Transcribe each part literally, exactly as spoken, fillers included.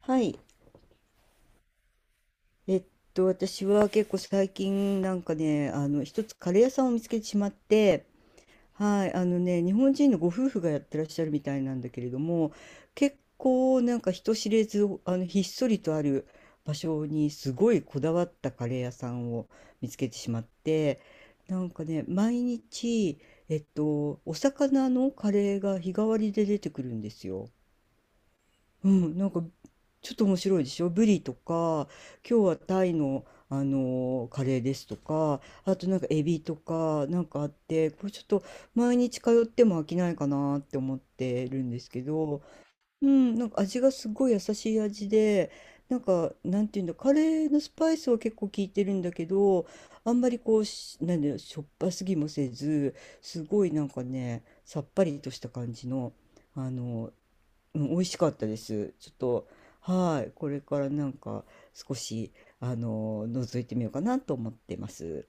はい。えっと、私は結構最近なんかね、あの、一つカレー屋さんを見つけてしまって、はい、あのね、日本人のご夫婦がやってらっしゃるみたいなんだけれども、結構なんか人知れず、あの、ひっそりとある場所にすごいこだわったカレー屋さんを見つけてしまって、なんかね、毎日、えっと、お魚のカレーが日替わりで出てくるんですよ。うん、なんかちょっと面白いでしょ。ブリとか、今日はタイの、あのーカレーですとか、あとなんかエビとかなんかあって、これちょっと毎日通っても飽きないかなって思ってるんですけど、うん、なんか味がすごい優しい味で、なんかなんていうんだ、カレーのスパイスは結構効いてるんだけど、あんまりこうし、なんだよ、しょっぱすぎもせず、すごいなんかね、さっぱりとした感じの、あのうん美味しかったです。ちょっと、はい、これからなんか少し、あの、覗いてみようかなと思ってます。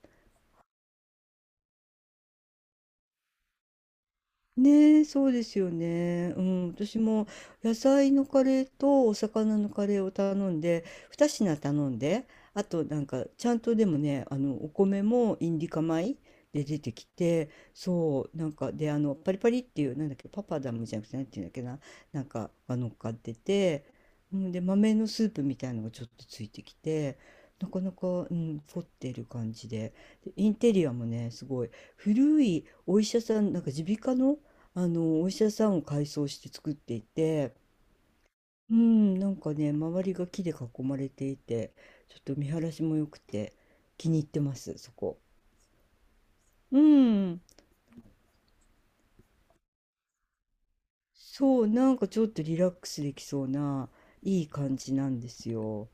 ね、えそうですよね。うん、私も野菜のカレーとお魚のカレーを頼んで、にひん品頼んで、あとなんかちゃんとでもね、あのお米もインディカ米で出てきて、そう、なんかであのパリパリっていうなんだっけ、パパダムじゃなくてなんていうんだっけな、なんかが乗っかってて、うん、で豆のスープみたいのがちょっとついてきて、なかなか、うん、凝ってる感じで、でインテリアもね、すごい古いお医者さん、なんか耳鼻科のあのお医者さんを改装して作っていて、うん、なんかね、周りが木で囲まれていて、ちょっと見晴らしも良くて気に入ってます、そこ。うん、そう、なんかちょっとリラックスできそうないい感じなんですよ。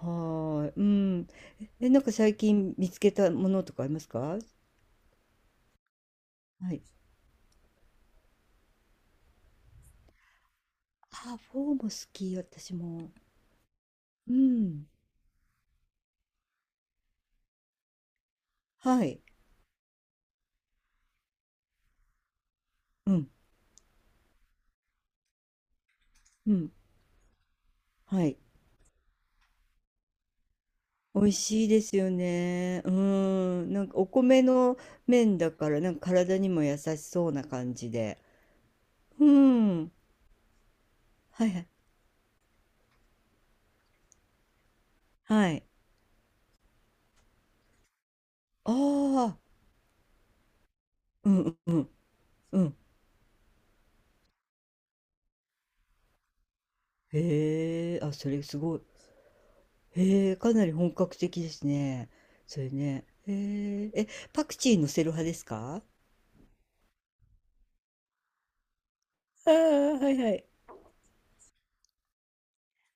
はーい、うん。え、なんか最近見つけたものとかありますか？はい。あ、フォーも好き、私も。うん。はい。うん。うん。はい。美味しいですよね。うん。なんかお米の麺だから、なんか体にも優しそうな感じで。うん。はいはい。はい。ああ。うんうんうん。へえ。あ、それすごい。へえ。かなり本格的ですね。それね。へえ。え、パクチー乗せる派ですか？ああー、はいはい。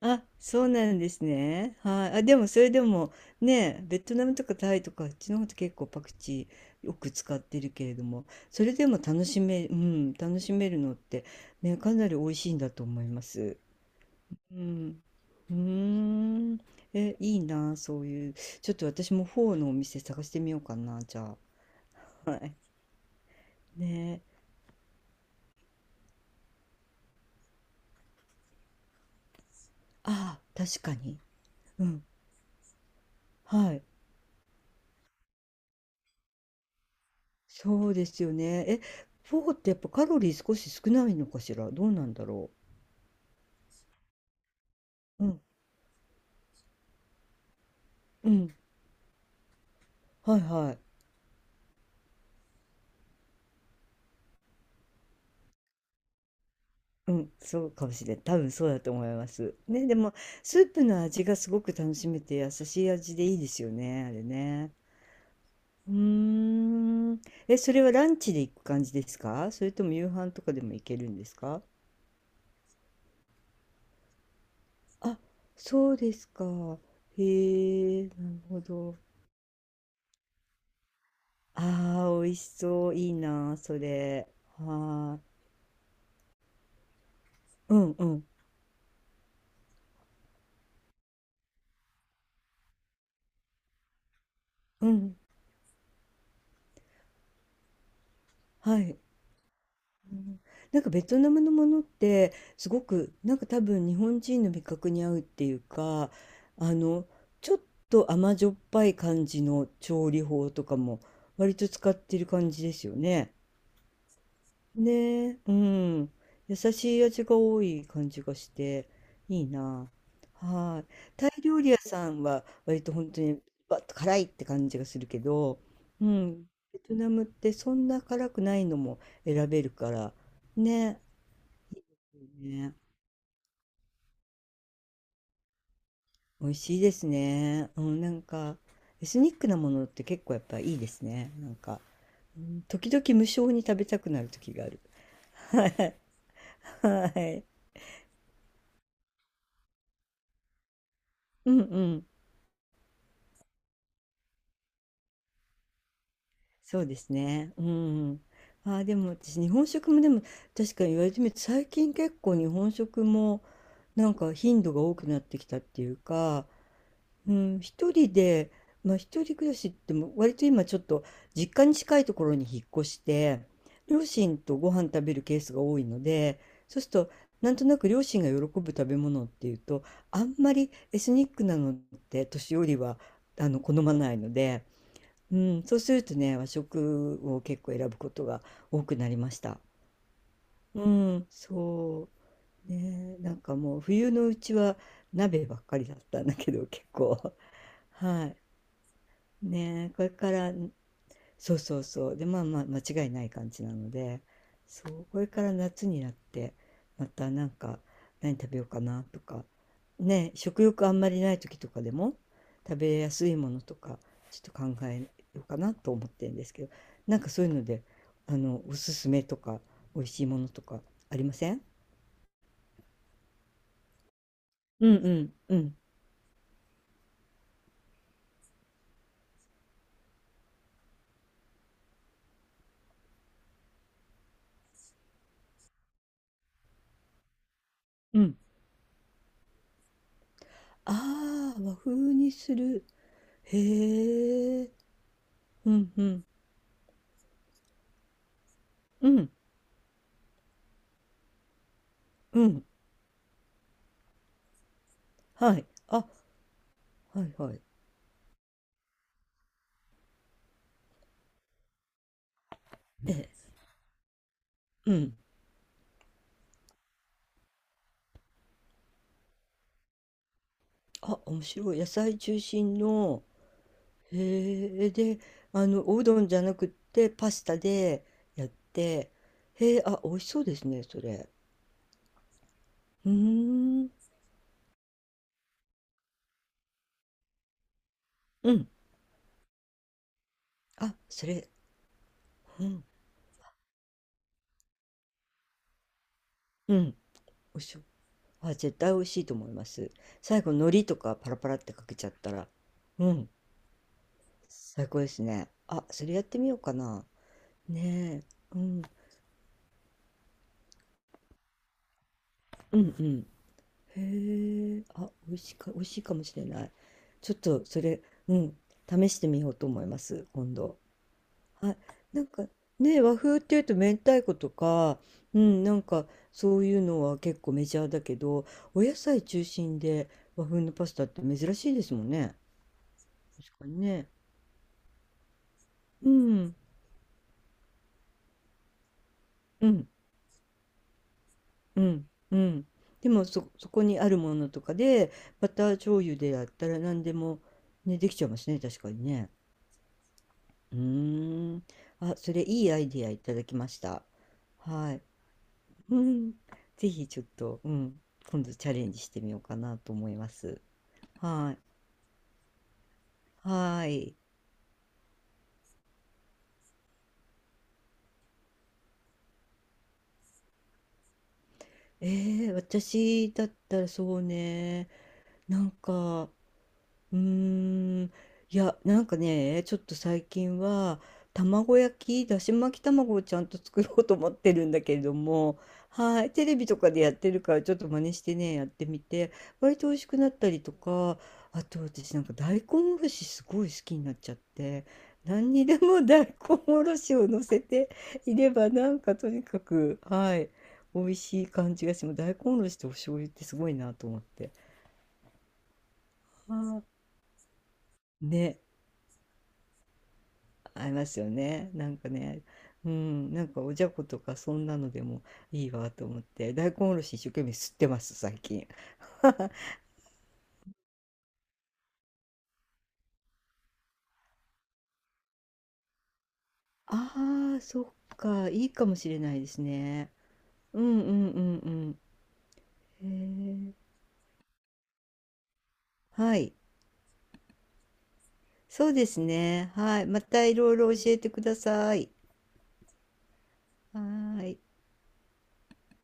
あ、そうなんですね。はい。あ、でもそれでもね、ベトナムとかタイとかあっちの方と結構パクチーよく使ってるけれども、それでも楽しめ、うん、楽しめるのってね、かなり美味しいんだと思います。うん。うーん。え、いいな、そういう。ちょっと私もフォーのお店探してみようかな、じゃあ。はい。ね。ああ、確かに。うん。はい。そうですよね。え、フォーってやっぱカロリー少し少ないのかしら。どうなんだろう。うん、うん、はいはい。うん、そうかもしれん。多分そうだと思います。ね、でもスープの味がすごく楽しめて優しい味でいいですよね、あれね。うーん。え、それはランチで行く感じですか？それとも夕飯とかでも行けるんですか？あ、そうですか。へえ、なるほど。ああ、美味しそう。いいな、それ。はーい。うんうん。うん、はい。うん、なんかベトナムのものってすごくなんか多分日本人の味覚に合うっていうか、あのちょっと甘じょっぱい感じの調理法とかも割と使ってる感じですよね。ねえ、うん。優しい味が多い感じがして、いいな。はい。タイ料理屋さんは割と本当にバッと辛いって感じがするけど、うん。ベトナムってそんな辛くないのも選べるから、ね。ね。美味しいですね。うん、なんか、エスニックなものって結構やっぱいいですね。なんか、うん時々無性に食べたくなる時がある。はい。はい。うんうん。そうですね。うん。ああ、でも私、日本食もでも、確かに言われてみると、最近結構日本食も、なんか頻度が多くなってきたっていうか、うん、一人で、まあ一人暮らしっても、割と今ちょっと、実家に近いところに引っ越して、両親とご飯食べるケースが多いので、そうすると、なんとなく両親が喜ぶ食べ物っていうと、あんまりエスニックなのって年寄りは、あの、好まないので、うん、そうするとね、和食を結構選ぶことが多くなりました。うん、そう。ね、なんかもう冬のうちは鍋ばっかりだったんだけど、結構。はい。ね、これからそうそうそう。で、まあまあ間違いない感じなので、そう、これから夏になって、またなんか何食べようかなとか、ね、食欲あんまりない時とかでも食べやすいものとか、ちょっと考えようかなと思ってるんですけど、なんかそういうので、あの、おすすめとか、美味しいものとかありません？うんうんうんうん。ああ、和風にする。へえ。うんうんうんうん。はい。あ、はいはい。ええ、うん。あ、面白い。野菜中心の、へえ、で、あの、おうどんじゃなくってパスタでやって、へえ、あ、美味しそうですね、それ。うーん、うん。あ、それ、うん、うん、美味しそう。あ、絶対美味しいと思います。最後、海苔とかパラパラってかけちゃったら、うん、最高ですね。あ、それやってみようかな。ねえ、うん、うん、うん。へえ、あ、美味しいか、美味しいかもしれない。ちょっとそれ、うん、試してみようと思います、今度。はい。なんかね、和風っていうと明太子とか、うん、なんかそういうのは結構メジャーだけど、お野菜中心で和風のパスタって珍しいですもんね。確かにね。うん、うん、うん、うん。でもそ、そこにあるものとかで、バター醤油でやったら何でも、ね、できちゃいますね、確かにね。うーん。あ、それいいアイディアいただきました。はい。うん。ぜひちょっと、うん。今度チャレンジしてみようかなと思います。はい。はい。えー、私だったらそうね。なんか、うーん、いや、なんかね、ちょっと最近は卵焼き、だし巻き卵をちゃんと作ろうと思ってるんだけれども、はい、テレビとかでやってるからちょっと真似してね、やってみて、割と美味しくなったりとか、あと私なんか大根おろしすごい好きになっちゃって、何にでも大根おろしを乗せていればなんかとにかく、はい、美味しい感じがしてもう大根おろしとお醤油ってすごいなと思って。あーねありますよね。なんかね、うん、なんかおじゃことかそんなのでもいいわと思って、大根おろし一生懸命吸ってます、最近。ああ、そっか、いいかもしれないですね。うんうんうんうん。へえ。はい。そうですね。はい。またいろいろ教えてください。はーい。